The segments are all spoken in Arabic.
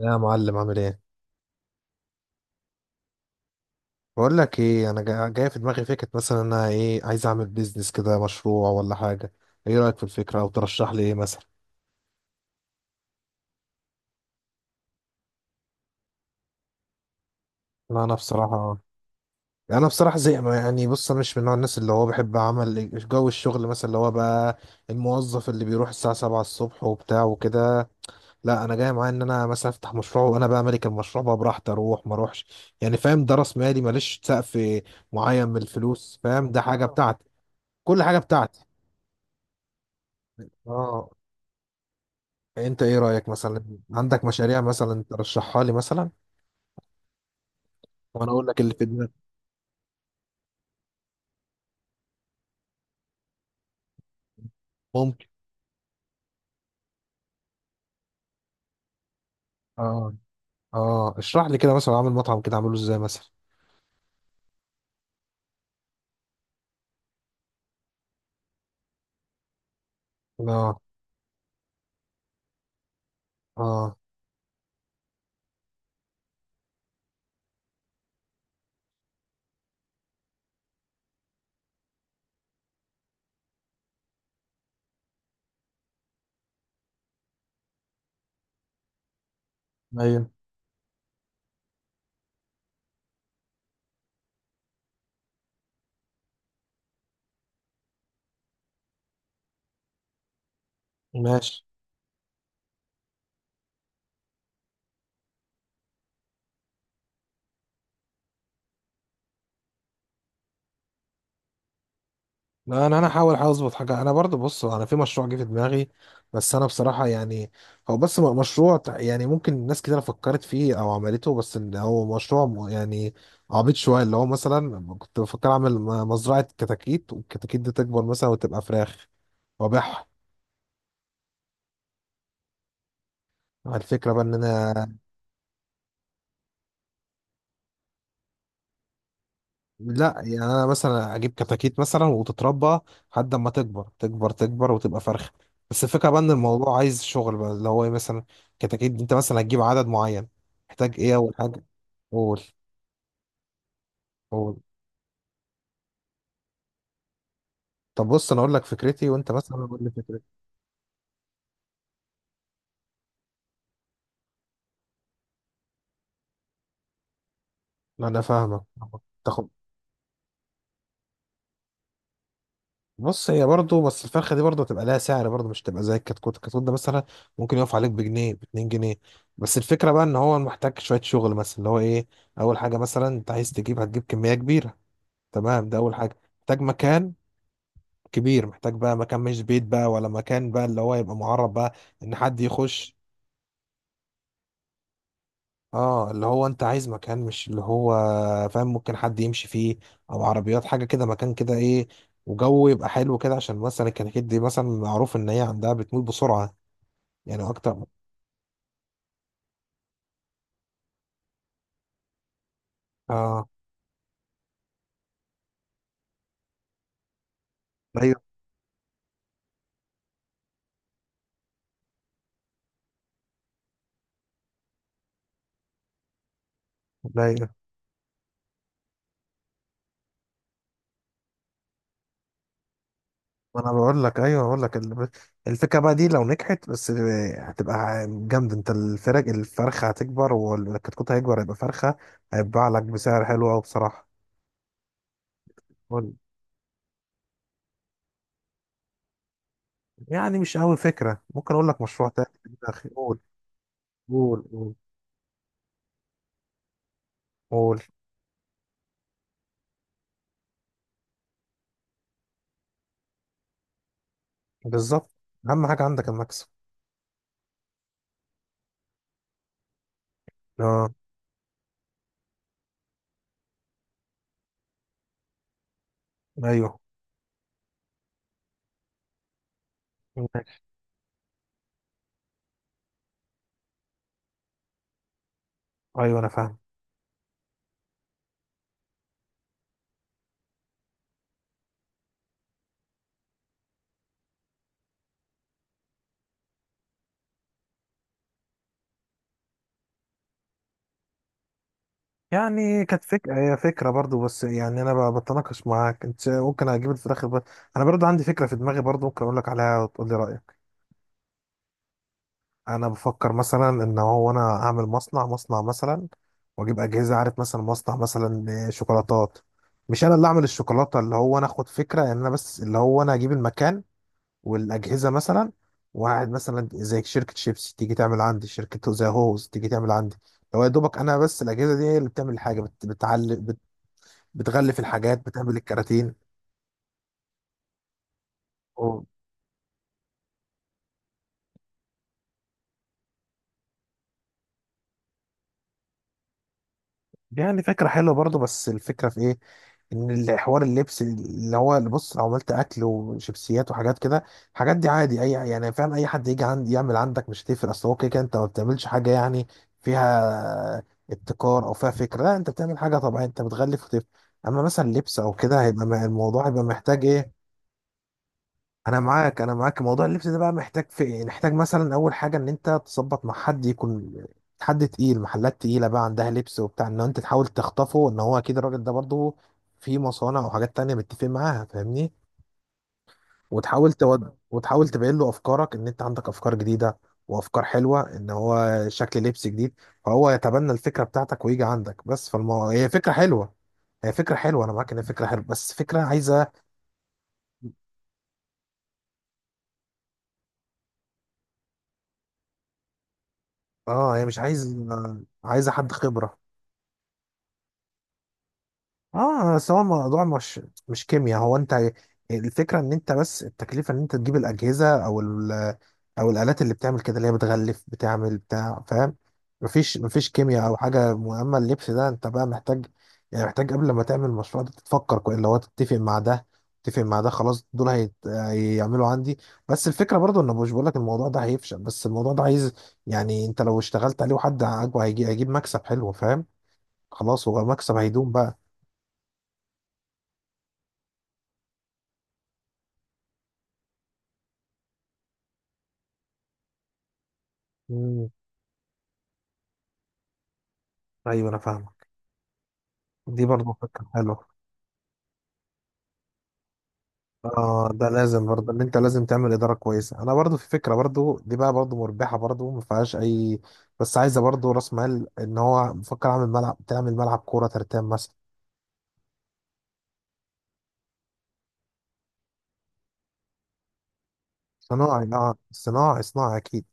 يا معلم عامل ايه؟ بقول لك ايه، انا جاي في دماغي فكره، مثلا انا ايه، عايز اعمل بيزنس كده، مشروع ولا حاجه. ايه رايك في الفكره، او ترشح لي ايه مثلا؟ لا انا بصراحه، انا بصراحه زي ما يعني، بص انا مش من نوع الناس اللي هو بحب عمل جو الشغل، مثلا اللي هو بقى الموظف اللي بيروح الساعه 7 الصبح وبتاع وكده. لا انا جاي معايا ان انا مثلا افتح مشروع، وانا بقى مالك المشروع، بقى براحتي اروح ما اروحش، يعني فاهم، ده راس مالي، ماليش سقف معين من الفلوس، فاهم ده حاجه بتاعتي، كل حاجه بتاعتي. اه، انت ايه رأيك مثلا؟ عندك مشاريع مثلا ترشحها لي مثلا، وانا اقول لك اللي في دماغك. ممكن. اه. اه، اشرح لي كده، مثلا اعمل مطعم، كده اعمله ازاي مثلا؟ اه. اه. ايوه. ماشي. لا انا، هحاول، احاول اظبط حاجه، انا برضو بص انا في مشروع جه في دماغي، بس انا بصراحه يعني هو بس مشروع يعني ممكن ناس كتير فكرت فيه او عملته، بس ان هو مشروع يعني عبيط شويه، اللي هو مثلا كنت بفكر اعمل مزرعه كتاكيت، والكتاكيت دي تكبر مثلا وتبقى فراخ وابيعها. الفكرة بقى ان انا، لا يعني انا مثلا اجيب كتاكيت مثلا وتتربى لحد ما تكبر وتبقى فرخة، بس الفكرة بقى ان الموضوع عايز شغل بقى، اللي هو إيه مثلا؟ كتاكيت انت مثلا هتجيب عدد معين، محتاج ايه اول حاجة؟ قول. قول. طب بص انا اقول لك فكرتي وانت مثلا قول لي فكرتي. انا فاهمك. تاخد، بص هي برضه، بس الفرخه دي برضه هتبقى لها سعر برضه، مش تبقى زي الكتكوت، الكتكوت ده مثلا ممكن يقف عليك بجنيه، ب 2 جنيه، بس الفكره بقى ان هو محتاج شويه شغل، مثلا اللي هو ايه؟ اول حاجه مثلا انت عايز تجيب، هتجيب كميه كبيره، تمام، ده اول حاجه، محتاج مكان كبير، محتاج بقى مكان، مش بيت بقى ولا مكان بقى، اللي هو يبقى معرض بقى ان حد يخش. اه، اللي هو انت عايز مكان، مش اللي هو، فاهم، ممكن حد يمشي فيه، او عربيات حاجه كده، مكان كده ايه، وجو يبقى حلو كده، عشان مثلا الكناكيد دي مثلا معروف ان هي عندها بتموت بسرعه يعني اكتر. اه. ايوه. ايوه، ما انا بقول لك، ايوه بقول لك الفكره بقى دي لو نجحت بس، هتبقى جامد، انت الفرق الفرخه هتكبر، والكتكوت هيكبر هيبقى فرخه، هيتباع لك بسعر حلو قوي بصراحه. قول. يعني مش قوي فكره، ممكن اقول لك مشروع تاني في دماغي. قول. قول. قول. قول. بالظبط، اهم حاجه عندك المكسب. اه. ايوه. ماشي. ايوه انا فاهم. يعني كانت فكرة، هي فكرة برضو، بس يعني أنا بتناقش معاك، أنت ممكن أجيب الفراخ ب... أنا برضو عندي فكرة في دماغي برضو، ممكن أقول لك عليها وتقول لي رأيك. أنا بفكر مثلا إن هو أنا أعمل مصنع مثلا، وأجيب أجهزة، عارف مثلا مصنع مثلا شوكولاتات، مش أنا اللي أعمل الشوكولاتة، اللي هو أنا أخد فكرة إن أنا بس اللي هو أنا أجيب المكان والأجهزة مثلا، وقاعد مثلا زي شركة شيبسي تيجي تعمل عندي، شركة زي هوز تيجي تعمل عندي. هو يا دوبك انا بس الاجهزه دي هي اللي بتعمل الحاجه، بت... بتعلم، بتغلف الحاجات، بتعمل الكراتين. و- يعني فكرة حلوة برضو، بس الفكرة في ايه؟ ان الحوار اللبس اللي هو اللي بص، لو عملت اكل وشيبسيات وحاجات كده، الحاجات دي عادي اي يعني، فاهم اي حد يجي عندي يعمل عندك مش هتفرق، اصل هو كده كده انت ما بتعملش حاجة يعني فيها ابتكار او فيها فكرة، لا انت بتعمل حاجة طبيعية، انت بتغلف وتف، اما مثلا لبس او كده هيبقى الموضوع هيبقى محتاج ايه. انا معاك، انا معاك، موضوع اللبس ده بقى محتاج في إيه؟ محتاج مثلا اول حاجه ان انت تظبط مع حد يكون حد تقيل، محلات تقيله بقى عندها لبس وبتاع، ان انت تحاول تخطفه، ان هو اكيد الراجل ده برضه في مصانع او حاجات تانية متفق معاها، فاهمني، وتحاول تود وتحاول تبين له افكارك، ان انت عندك افكار جديده وافكار حلوه، ان هو شكل لبس جديد، فهو يتبنى الفكره بتاعتك ويجي عندك، بس فالمو... هي فكره حلوه، هي فكره حلوه، انا معاك ان هي فكره حلوه، بس فكره عايزه، اه هي مش عايز، عايزه حد خبره. اه بس هو الموضوع مش مش كيمياء، هو انت الفكره ان انت بس التكلفه، ان انت تجيب الاجهزه او ال، او الالات اللي بتعمل كده، اللي هي بتغلف بتعمل بتاع، فاهم، مفيش كيمياء او حاجه مهمه، اللبس ده انت بقى محتاج يعني محتاج قبل ما تعمل المشروع ده تتفكر كويس، اللي هو تتفق مع ده، تتفق مع ده، خلاص دول هيت... هيعملوا عندي، بس الفكره برضو ان مش بقول لك الموضوع ده هيفشل، بس الموضوع ده عايز يعني، انت لو اشتغلت عليه وحد عاجبه هيجي هيجيب مكسب حلو، فاهم، خلاص هو مكسب هيدوم بقى. ايوه انا فاهمك، دي برضه فكره حلوه. اه ده لازم برضه ان انت لازم تعمل اداره كويسه، انا برضه في فكره برضه دي، بقى برضه مربحه برضه ما فيهاش اي، بس عايزه برضه راس مال، ان هو بفكر اعمل ملعب، تعمل ملعب كوره ترتان مثلا. صناعي، اه صناعي، صناعي اكيد.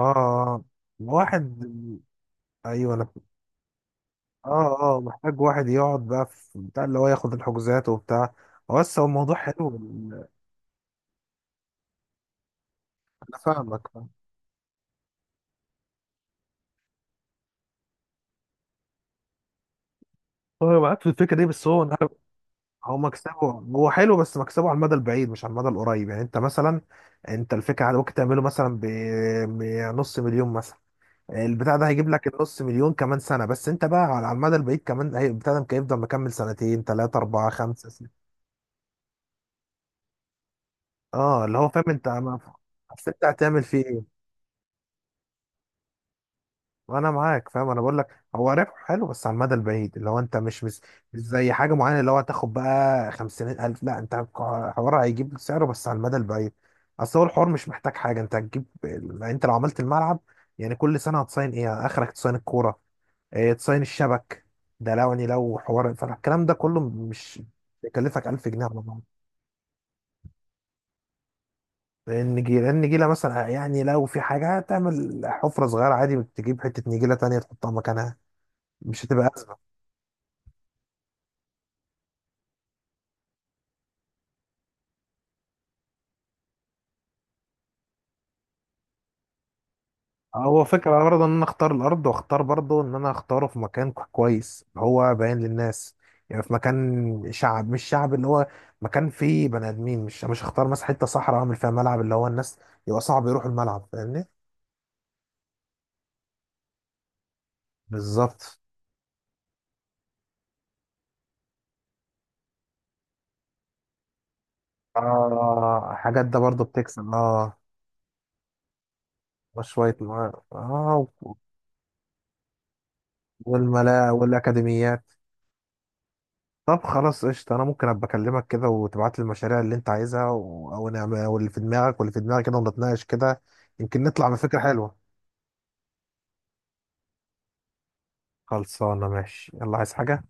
اه. آه. واحد. ايوه انا، اه اه محتاج واحد يقعد بقى في بتاع اللي هو ياخد الحجوزات وبتاع، بس هو الموضوع حلو. انا فاهمك، فاهم. هو معاك في الفكره دي، بس هو انا، هو مكسبه، هو حلو بس مكسبه على المدى البعيد مش على المدى القريب، يعني انت مثلا، انت الفكره على، ممكن تعمله مثلا بنص مليون مثلا، البتاع ده هيجيب لك النص مليون كمان سنه، بس انت بقى على المدى البعيد كمان، البتاع ده ممكن يفضل مكمل سنتين ثلاثه اربعه خمسه سنة. اه اللي هو فاهم انت اصل انت هتعمل فيه ايه؟ وانا معاك فاهم، انا بقول لك هو ربح حلو بس على المدى البعيد، اللي هو انت مش زي حاجه معينه، اللي هو هتاخد بقى 50,000، لا انت حوار هيجيب سعره بس على المدى البعيد، اصل هو الحوار مش محتاج حاجه، انت يعني انت لو عملت الملعب، يعني كل سنه هتصين ايه، اخرك تصين الكوره، إيه تصين الشبك، ده لو يعني لو حوار فالكلام ده كله مش يكلفك 1000 جنيه على بعض. النجيله، النجيله مثلا اه يعني لو في حاجه، هتعمل حفره صغيره عادي، تجيب حته نجيله تانية تحطها مكانها، مش هتبقى أزمة. هو فكرة برضه ان انا اختار الارض، واختار برضه ان انا اختاره في مكان كويس، هو باين للناس، يعني في مكان شعب، مش شعب اللي هو، مكان فيه بني ادمين، مش هختار مثلا حتة صحراء اعمل فيها ملعب، اللي هو الناس يبقى صعب يروحوا الملعب، فاهمني. بالظبط. آه، حاجات ده برضه بتكسب، اه. وشوية اه. والملاعب والاكاديميات. طب خلاص قشطة، أنا ممكن أبقى أكلمك كده وتبعت لي المشاريع اللي أنت عايزها، و... أو نعمل، أو اللي في دماغك واللي في دماغك كده، ونتناقش كده، يمكن نطلع بفكرة حلوة. خلصانة، ماشي، يلا عايز حاجة؟